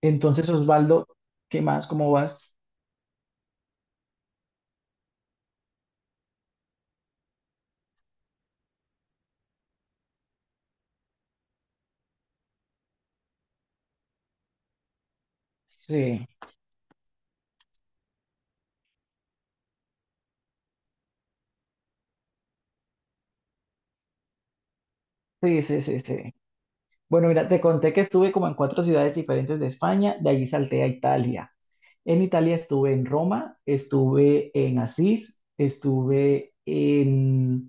Entonces, Osvaldo, ¿qué más? ¿Cómo vas? Sí, sí, sí, sí, sí. Bueno, mira, te conté que estuve como en cuatro ciudades diferentes de España, de allí salté a Italia. En Italia estuve en Roma, estuve en Asís, estuve en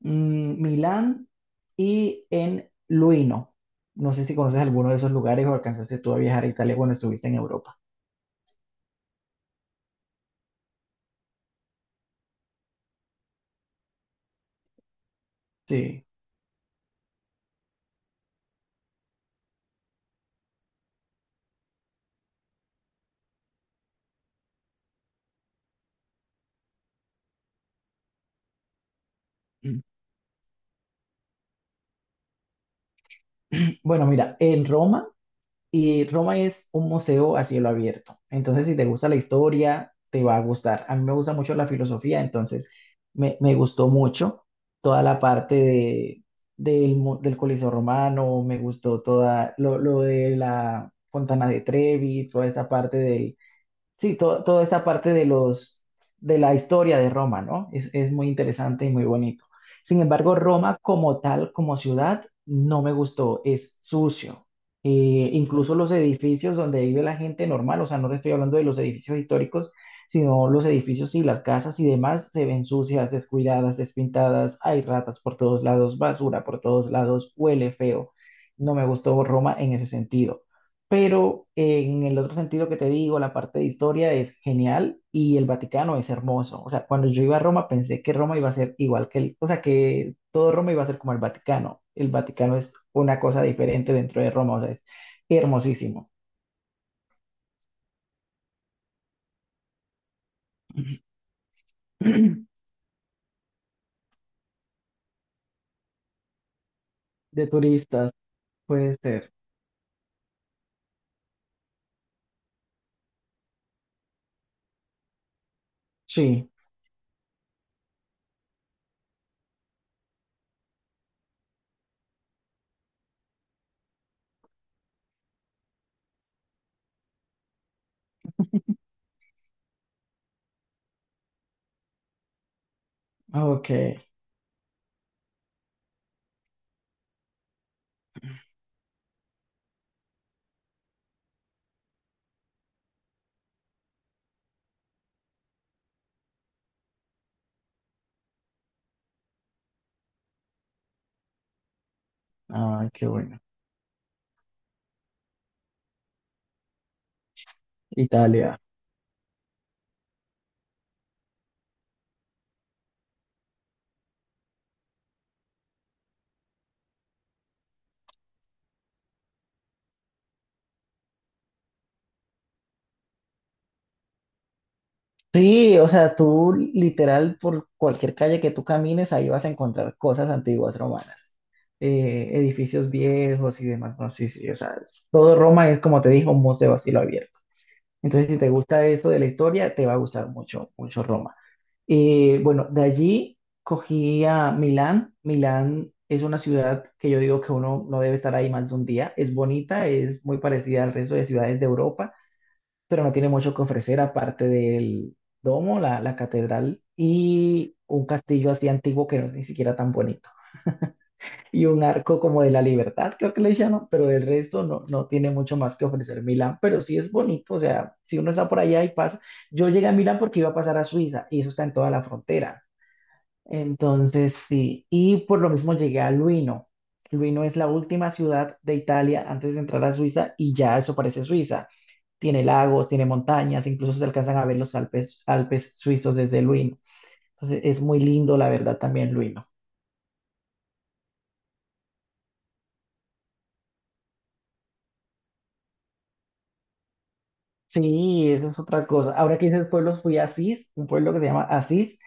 Milán y en Luino. No sé si conoces alguno de esos lugares o alcanzaste tú a viajar a Italia cuando estuviste en Europa. Sí. Bueno, mira, en Roma, y Roma es un museo a cielo abierto. Entonces, si te gusta la historia, te va a gustar. A mí me gusta mucho la filosofía, entonces me gustó mucho toda la parte del Coliseo Romano, me gustó toda lo de la Fontana de Trevi, toda esta parte sí, toda esta parte de la historia de Roma, ¿no? Es muy interesante y muy bonito. Sin embargo, Roma como tal, como ciudad, no me gustó, es sucio. Incluso los edificios donde vive la gente normal, o sea, no te estoy hablando de los edificios históricos, sino los edificios y las casas y demás se ven sucias, descuidadas, despintadas, hay ratas por todos lados, basura por todos lados, huele feo. No me gustó Roma en ese sentido. Pero en el otro sentido que te digo, la parte de historia es genial y el Vaticano es hermoso. O sea, cuando yo iba a Roma pensé que Roma iba a ser igual que el, o sea, que todo Roma iba a ser como el Vaticano. El Vaticano es una cosa diferente dentro de Roma, o sea, es hermosísimo. De turistas, puede ser. Sí, ok. Ah, qué bueno. Italia. Sí, o sea, tú literal por cualquier calle que tú camines, ahí vas a encontrar cosas antiguas romanas, edificios viejos y demás. No, sí, sí, o sea, todo Roma es como te dijo, un museo a cielo abierto. Entonces, si te gusta eso de la historia, te va a gustar mucho, mucho Roma. Bueno, de allí cogí a Milán. Milán es una ciudad que yo digo que uno no debe estar ahí más de un día. Es bonita, es muy parecida al resto de ciudades de Europa pero no tiene mucho que ofrecer aparte del domo, la catedral y un castillo así antiguo que no es ni siquiera tan bonito. Y un arco como de la libertad, creo que le llaman, pero del resto no, no tiene mucho más que ofrecer Milán, pero sí es bonito, o sea, si uno está por allá y pasa, yo llegué a Milán porque iba a pasar a Suiza y eso está en toda la frontera. Entonces, sí, y por lo mismo llegué a Luino. Luino es la última ciudad de Italia antes de entrar a Suiza y ya eso parece Suiza, tiene lagos, tiene montañas, incluso se alcanzan a ver los Alpes, Alpes suizos desde Luino. Entonces es muy lindo, la verdad, también Luino. Sí, eso es otra cosa. Ahora que dices pueblos, fui a Asís, un pueblo que se llama Asís.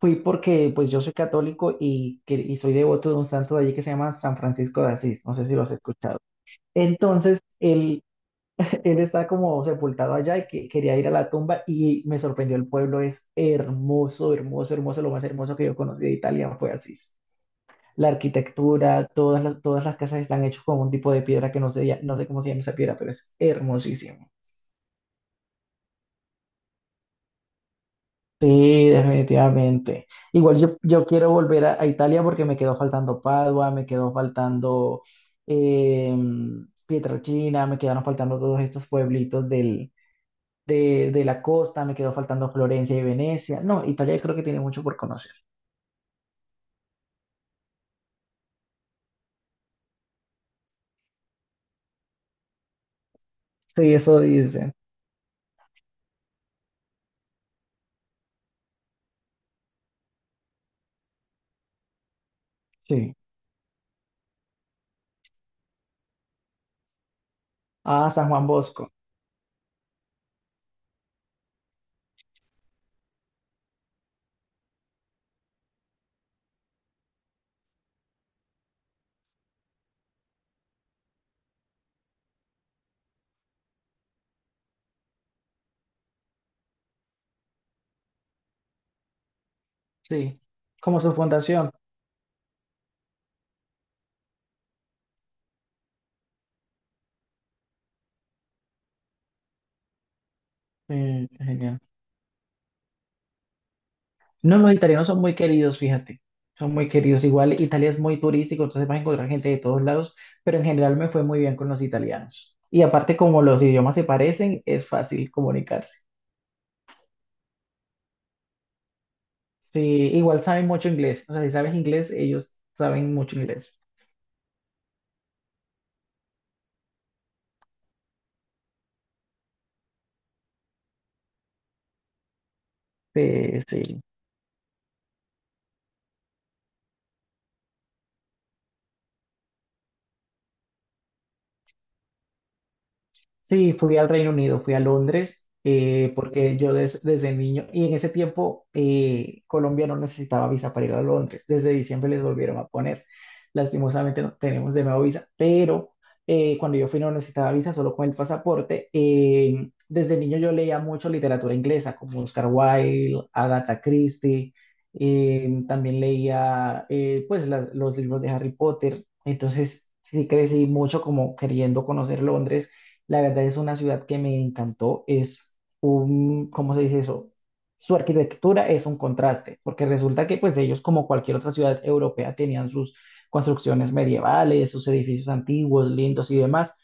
Fui porque pues yo soy católico y, y soy devoto de un santo de allí que se llama San Francisco de Asís. No sé si lo has escuchado. Entonces, él, él está como sepultado allá quería ir a la tumba y me sorprendió el pueblo. Es hermoso, hermoso, hermoso. Lo más hermoso que yo conocí de Italia fue Asís. La arquitectura, todas las casas están hechas con un tipo de piedra que no sé, no sé cómo se llama esa piedra, pero es hermosísimo. Sí, definitivamente. Igual yo quiero volver a Italia porque me quedó faltando Padua, me quedó faltando eh, Pietrelcina, me quedaron faltando todos estos pueblitos de la costa, me quedó faltando Florencia y Venecia. No, Italia creo que tiene mucho por conocer. Sí, eso dicen. Sí. Ah, San Juan Bosco. Sí. Como su fundación. Sí, qué genial. No, los italianos son muy queridos, fíjate. Son muy queridos. Igual Italia es muy turístico, entonces vas a encontrar gente de todos lados, pero en general me fue muy bien con los italianos. Y aparte, como los idiomas se parecen, es fácil comunicarse. Sí, igual saben mucho inglés. O sea, si sabes inglés, ellos saben mucho inglés. Sí, sí. Sí, fui al Reino Unido, fui a Londres, porque yo desde niño, y en ese tiempo Colombia no necesitaba visa para ir a Londres, desde diciembre les volvieron a poner, lastimosamente no tenemos de nuevo visa, pero cuando yo fui no necesitaba visa, solo con el pasaporte. Desde niño yo leía mucho literatura inglesa, como Oscar Wilde, Agatha Christie, también leía pues los libros de Harry Potter, entonces sí crecí mucho como queriendo conocer Londres, la verdad es una ciudad que me encantó. Es un, ¿cómo se dice eso? Su arquitectura es un contraste, porque resulta que pues ellos, como cualquier otra ciudad europea, tenían sus construcciones medievales, sus edificios antiguos, lindos y demás,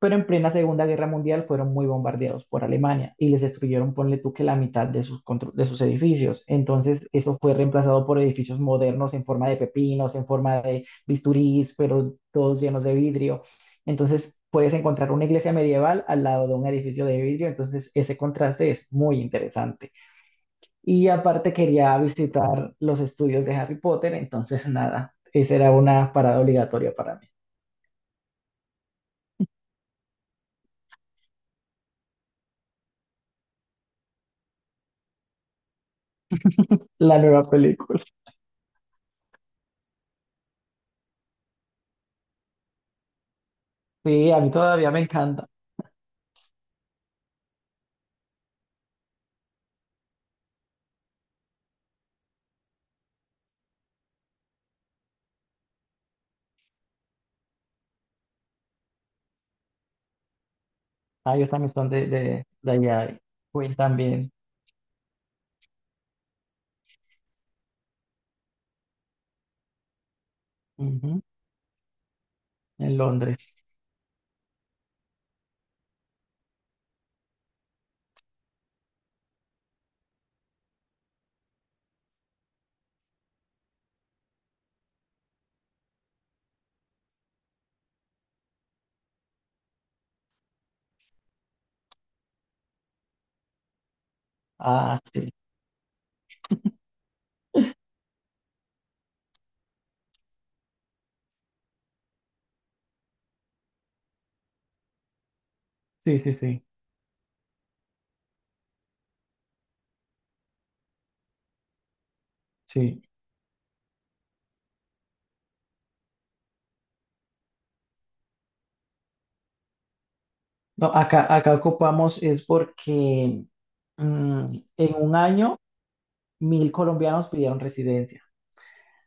pero en plena Segunda Guerra Mundial fueron muy bombardeados por Alemania y les destruyeron, ponle tú, que la mitad de sus, de sus edificios. Entonces eso fue reemplazado por edificios modernos en forma de pepinos, en forma de bisturís, pero todos llenos de vidrio. Entonces puedes encontrar una iglesia medieval al lado de un edificio de vidrio, entonces ese contraste es muy interesante. Y aparte quería visitar los estudios de Harry Potter, entonces nada, esa era una parada obligatoria para mí. La nueva película. Sí, a mí todavía me encanta. Ah, ellos también son de allá, y Queen también, ujú, en Londres. Ah, sí, sí, sí, sí, sí. No, acá, acá ocupamos es porque mm, en un año 1.000 colombianos pidieron residencia.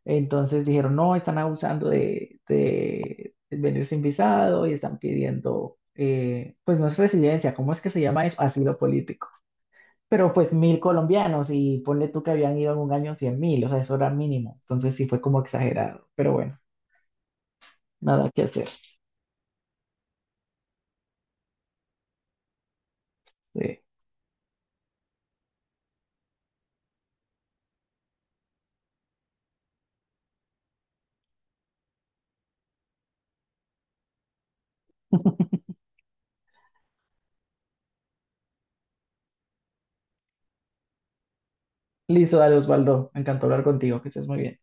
Entonces dijeron, no, están abusando de venir sin visado y están pidiendo, pues no es residencia, ¿cómo es que se llama eso? Asilo político. Pero pues 1.000 colombianos y ponle tú que habían ido en un año 100.000, o sea, eso era mínimo. Entonces sí fue como exagerado, pero bueno, nada que hacer. Sí. Listo, dale Osvaldo, me encantó hablar contigo, que estés muy bien.